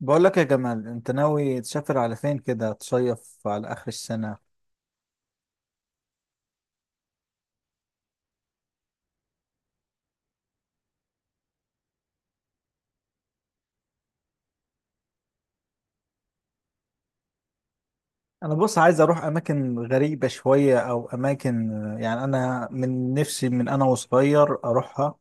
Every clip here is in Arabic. بقول لك يا جمال، انت ناوي تسافر على فين كده؟ تصيف على اخر السنة؟ انا بص عايز اروح اماكن غريبة شوية او اماكن، يعني انا من نفسي، من انا وصغير اروحها.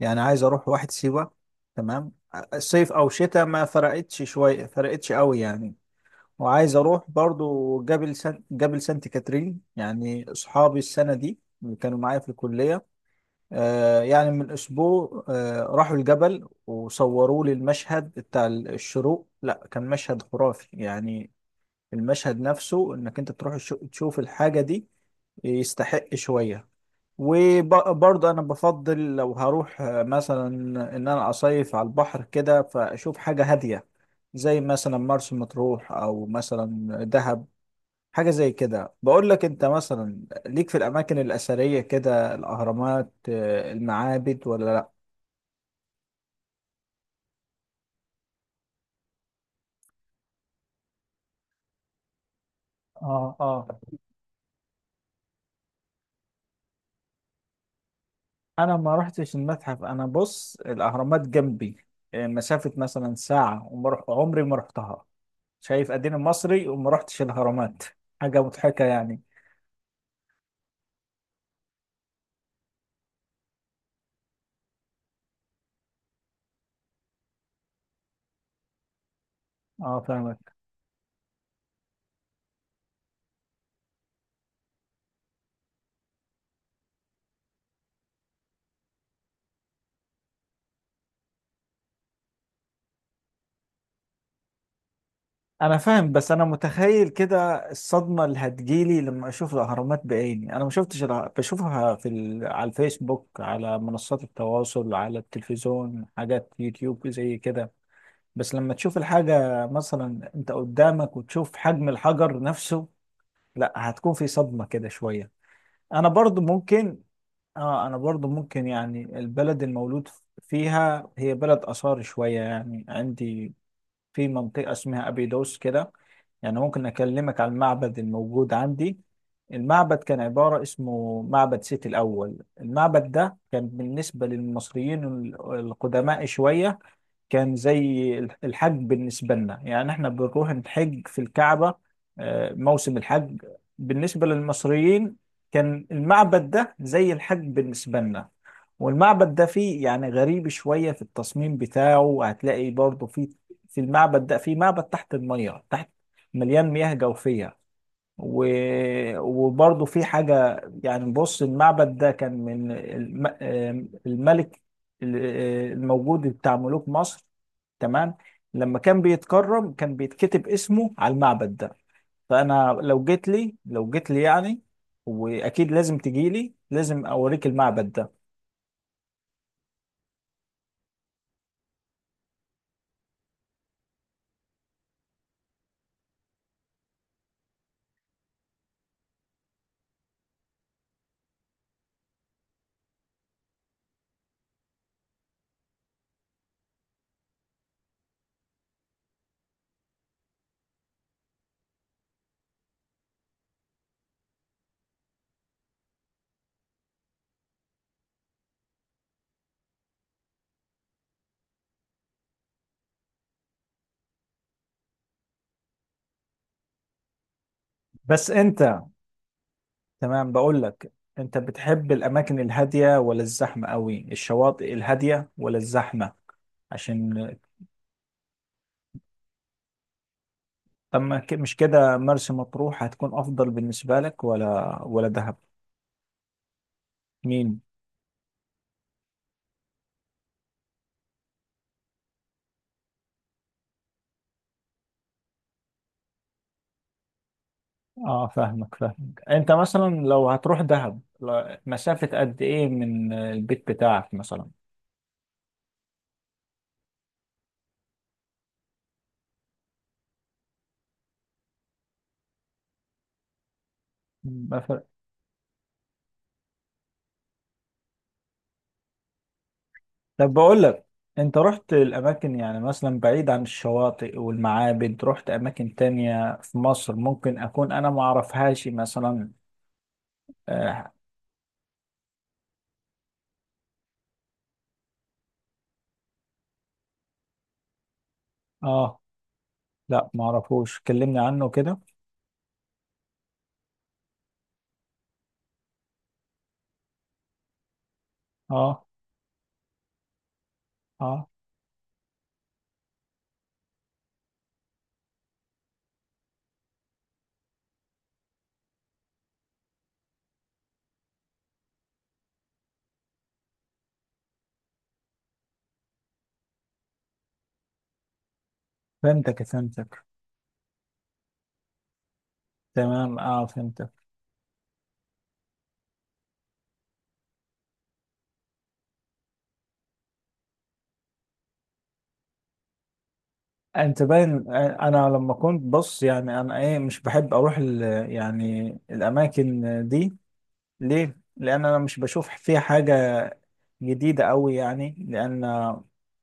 يعني عايز اروح واحد سيوة. تمام. صيف او شتاء، ما فرقتش شوية، فرقتش قوي يعني. وعايز اروح برضو جبل سانت كاترين، يعني اصحابي السنة دي اللي كانوا معايا في الكلية. يعني من اسبوع، راحوا الجبل وصوروا لي المشهد بتاع الشروق. لا، كان مشهد خرافي يعني. المشهد نفسه، انك انت تروح تشوف الحاجة دي، يستحق شوية. وبرضه انا بفضل لو هروح، مثلا ان انا اصيف على البحر كده فاشوف حاجة هادية، زي مثلا مرسى مطروح، او مثلا دهب. حاجة زي كده. بقول لك، انت مثلا ليك في الاماكن الاثرية كده، الاهرامات، المعابد، ولا؟ اه، اه. انا ما رحتش المتحف. انا بص، الاهرامات جنبي، مسافة مثلا ساعة، عمري ما رحتها. شايف؟ اديني مصري وما رحتش الاهرامات. حاجة مضحكة يعني. اه، فاهمك. انا فاهم، بس انا متخيل كده الصدمة اللي هتجيلي لما اشوف الاهرامات بعيني. انا ما شفتش بشوفها على الفيسبوك، على منصات التواصل، على التلفزيون، حاجات يوتيوب زي كده. بس لما تشوف الحاجة مثلا انت قدامك وتشوف حجم الحجر نفسه، لا، هتكون في صدمة كده شوية. انا برضو ممكن. اه، انا برضو ممكن يعني. البلد المولود فيها هي بلد اثار شوية، يعني عندي في منطقة اسمها ابيدوس كده. يعني ممكن اكلمك عن المعبد الموجود عندي. المعبد كان عبارة، اسمه معبد سيتي الاول. المعبد ده كان بالنسبة للمصريين القدماء شوية، كان زي الحج بالنسبة لنا. يعني احنا بنروح نحج في الكعبة، موسم الحج. بالنسبة للمصريين، كان المعبد ده زي الحج بالنسبة لنا. والمعبد ده فيه يعني غريب شوية في التصميم بتاعه، هتلاقي برضه فيه، في المعبد ده فيه معبد تحت المية، تحت، مليان مياه جوفية و... وبرضه في حاجة يعني، بص المعبد ده كان من الم... آم، الملك، ال- الموجود بتاع ملوك مصر. تمام. لما كان بيتكرم، كان بيتكتب اسمه على المعبد ده. فأنا لو جيت لي يعني، وأكيد لازم تجي لي، لازم أوريك المعبد ده. بس أنت تمام، بقول لك، أنت بتحب الأماكن الهادية ولا الزحمة قوي؟ الشواطئ الهادية ولا الزحمة؟ عشان، طب، ما ك- مش كده مرسى مطروح هتكون افضل بالنسبه لك ولا دهب؟ مين؟ اه، فاهمك فاهمك. انت مثلا لو هتروح دهب، مسافه قد ايه من البيت بتاعك مثلا؟ ما فرق. طب، بقول لك، انت رحت الاماكن يعني مثلا بعيد عن الشواطئ والمعابد؟ رحت اماكن تانية في مصر ممكن اكون انا ما اعرفهاش مثلا؟ اه. آه، لا، ما اعرفوش، كلمني عنه كده. اه، اه، فهمتك فهمتك. تمام. اه، فهمتك. انت باين، انا لما كنت، بص يعني، انا ايه، مش بحب اروح يعني الاماكن دي. ليه؟ لأن أنا مش بشوف فيها حاجة جديدة أوي، يعني لأن،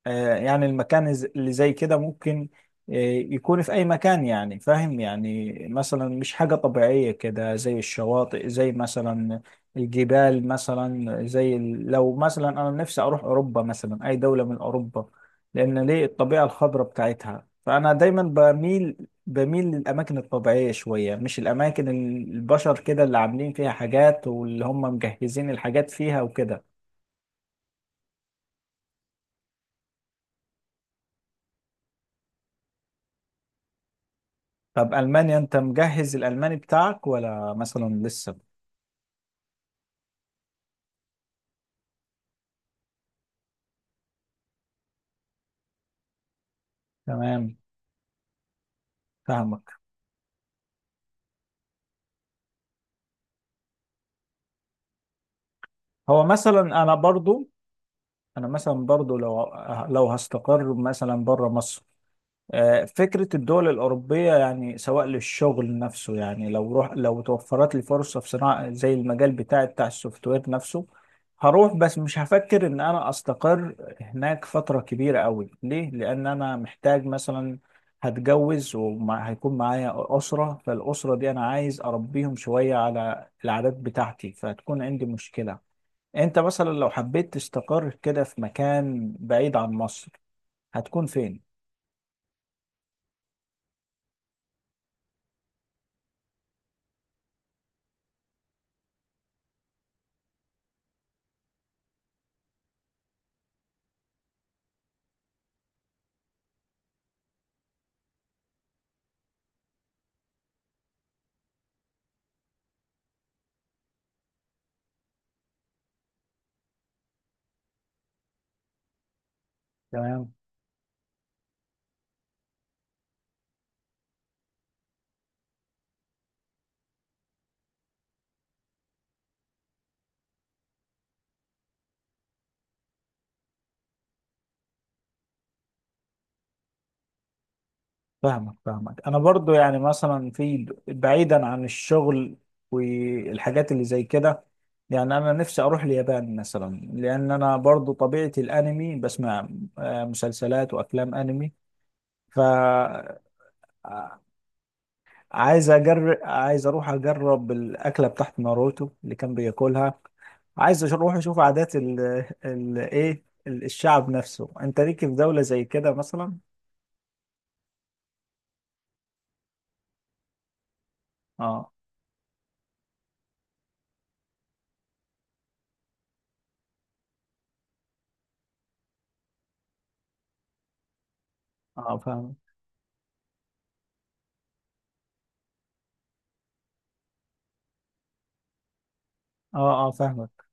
يعني المكان اللي زي كده ممكن آه، يكون في أي مكان يعني، فاهم؟ يعني مثلا مش حاجة طبيعية كده زي الشواطئ، زي مثلا الجبال مثلا، زي لو مثلا أنا نفسي أروح أوروبا مثلا، أي دولة من أوروبا، لأن ليه؟ الطبيعة الخضراء بتاعتها. فأنا دايما بميل للأماكن الطبيعية شوية، مش الأماكن البشر كده اللي عاملين فيها حاجات واللي هم مجهزين الحاجات فيها وكده. طب ألمانيا، أنت مجهز الألماني بتاعك ولا مثلا لسه؟ تمام، فاهمك. هو مثلا أنا برضو أنا مثلا برضو لو هستقر مثلا بره مصر، فكرة الدول الأوروبية، يعني سواء للشغل نفسه، يعني لو توفرت لي فرصة في صناعة زي المجال بتاعي بتاع السوفت وير نفسه، هروح، بس مش هفكر إن أنا أستقر هناك فترة كبيرة أوي. ليه؟ لأن أنا محتاج مثلا، هتجوز وهيكون معايا أسرة، فالأسرة دي أنا عايز أربيهم شوية على العادات بتاعتي، فهتكون عندي مشكلة. أنت مثلا لو حبيت تستقر كده في مكان بعيد عن مصر، هتكون فين؟ تمام. فاهمك فاهمك. انا برضو يعني مثلا، في بعيدا عن الشغل والحاجات اللي زي كده، يعني انا نفسي اروح اليابان مثلا، لان انا برضو طبيعتي الانمي، بسمع مسلسلات وافلام انمي. ف آه، عايز اروح اجرب الاكله بتاعت ناروتو اللي كان بياكلها. عايز اروح اشوف عادات الشعب نفسه. انت ليك في دولة زي كده مثلا؟ اه، اه، فاهم. اه، اه، فاهمك.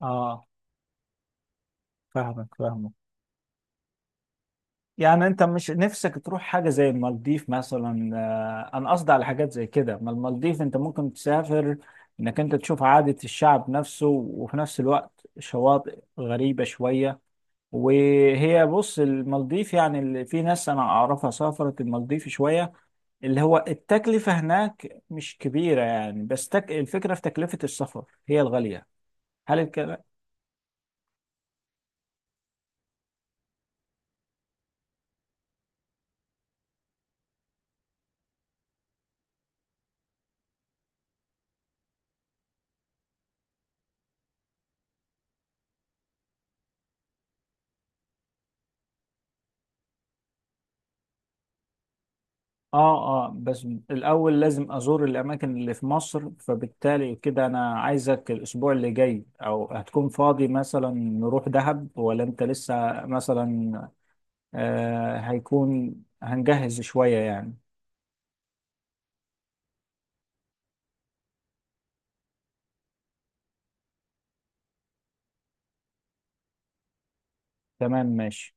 اه، فاهمك فاهمك. يعني انت مش نفسك تروح حاجة زي المالديف مثلا؟ انا قصدي على حاجات زي كده. ما المالديف انت ممكن تسافر، انك انت تشوف عادة الشعب نفسه وفي نفس الوقت شواطئ غريبة شوية. وهي بص، المالديف يعني، اللي في ناس انا اعرفها سافرت المالديف شوية، اللي هو التكلفة هناك مش كبيرة يعني، بس الفكرة في تكلفة السفر هي الغالية. هل الك- اه، اه، بس الاول لازم ازور الاماكن اللي في مصر. فبالتالي كده، انا عايزك الاسبوع اللي جاي او هتكون فاضي مثلا نروح دهب، ولا انت لسه مثلا؟ آه هيكون هنجهز شوية يعني. تمام، ماشي.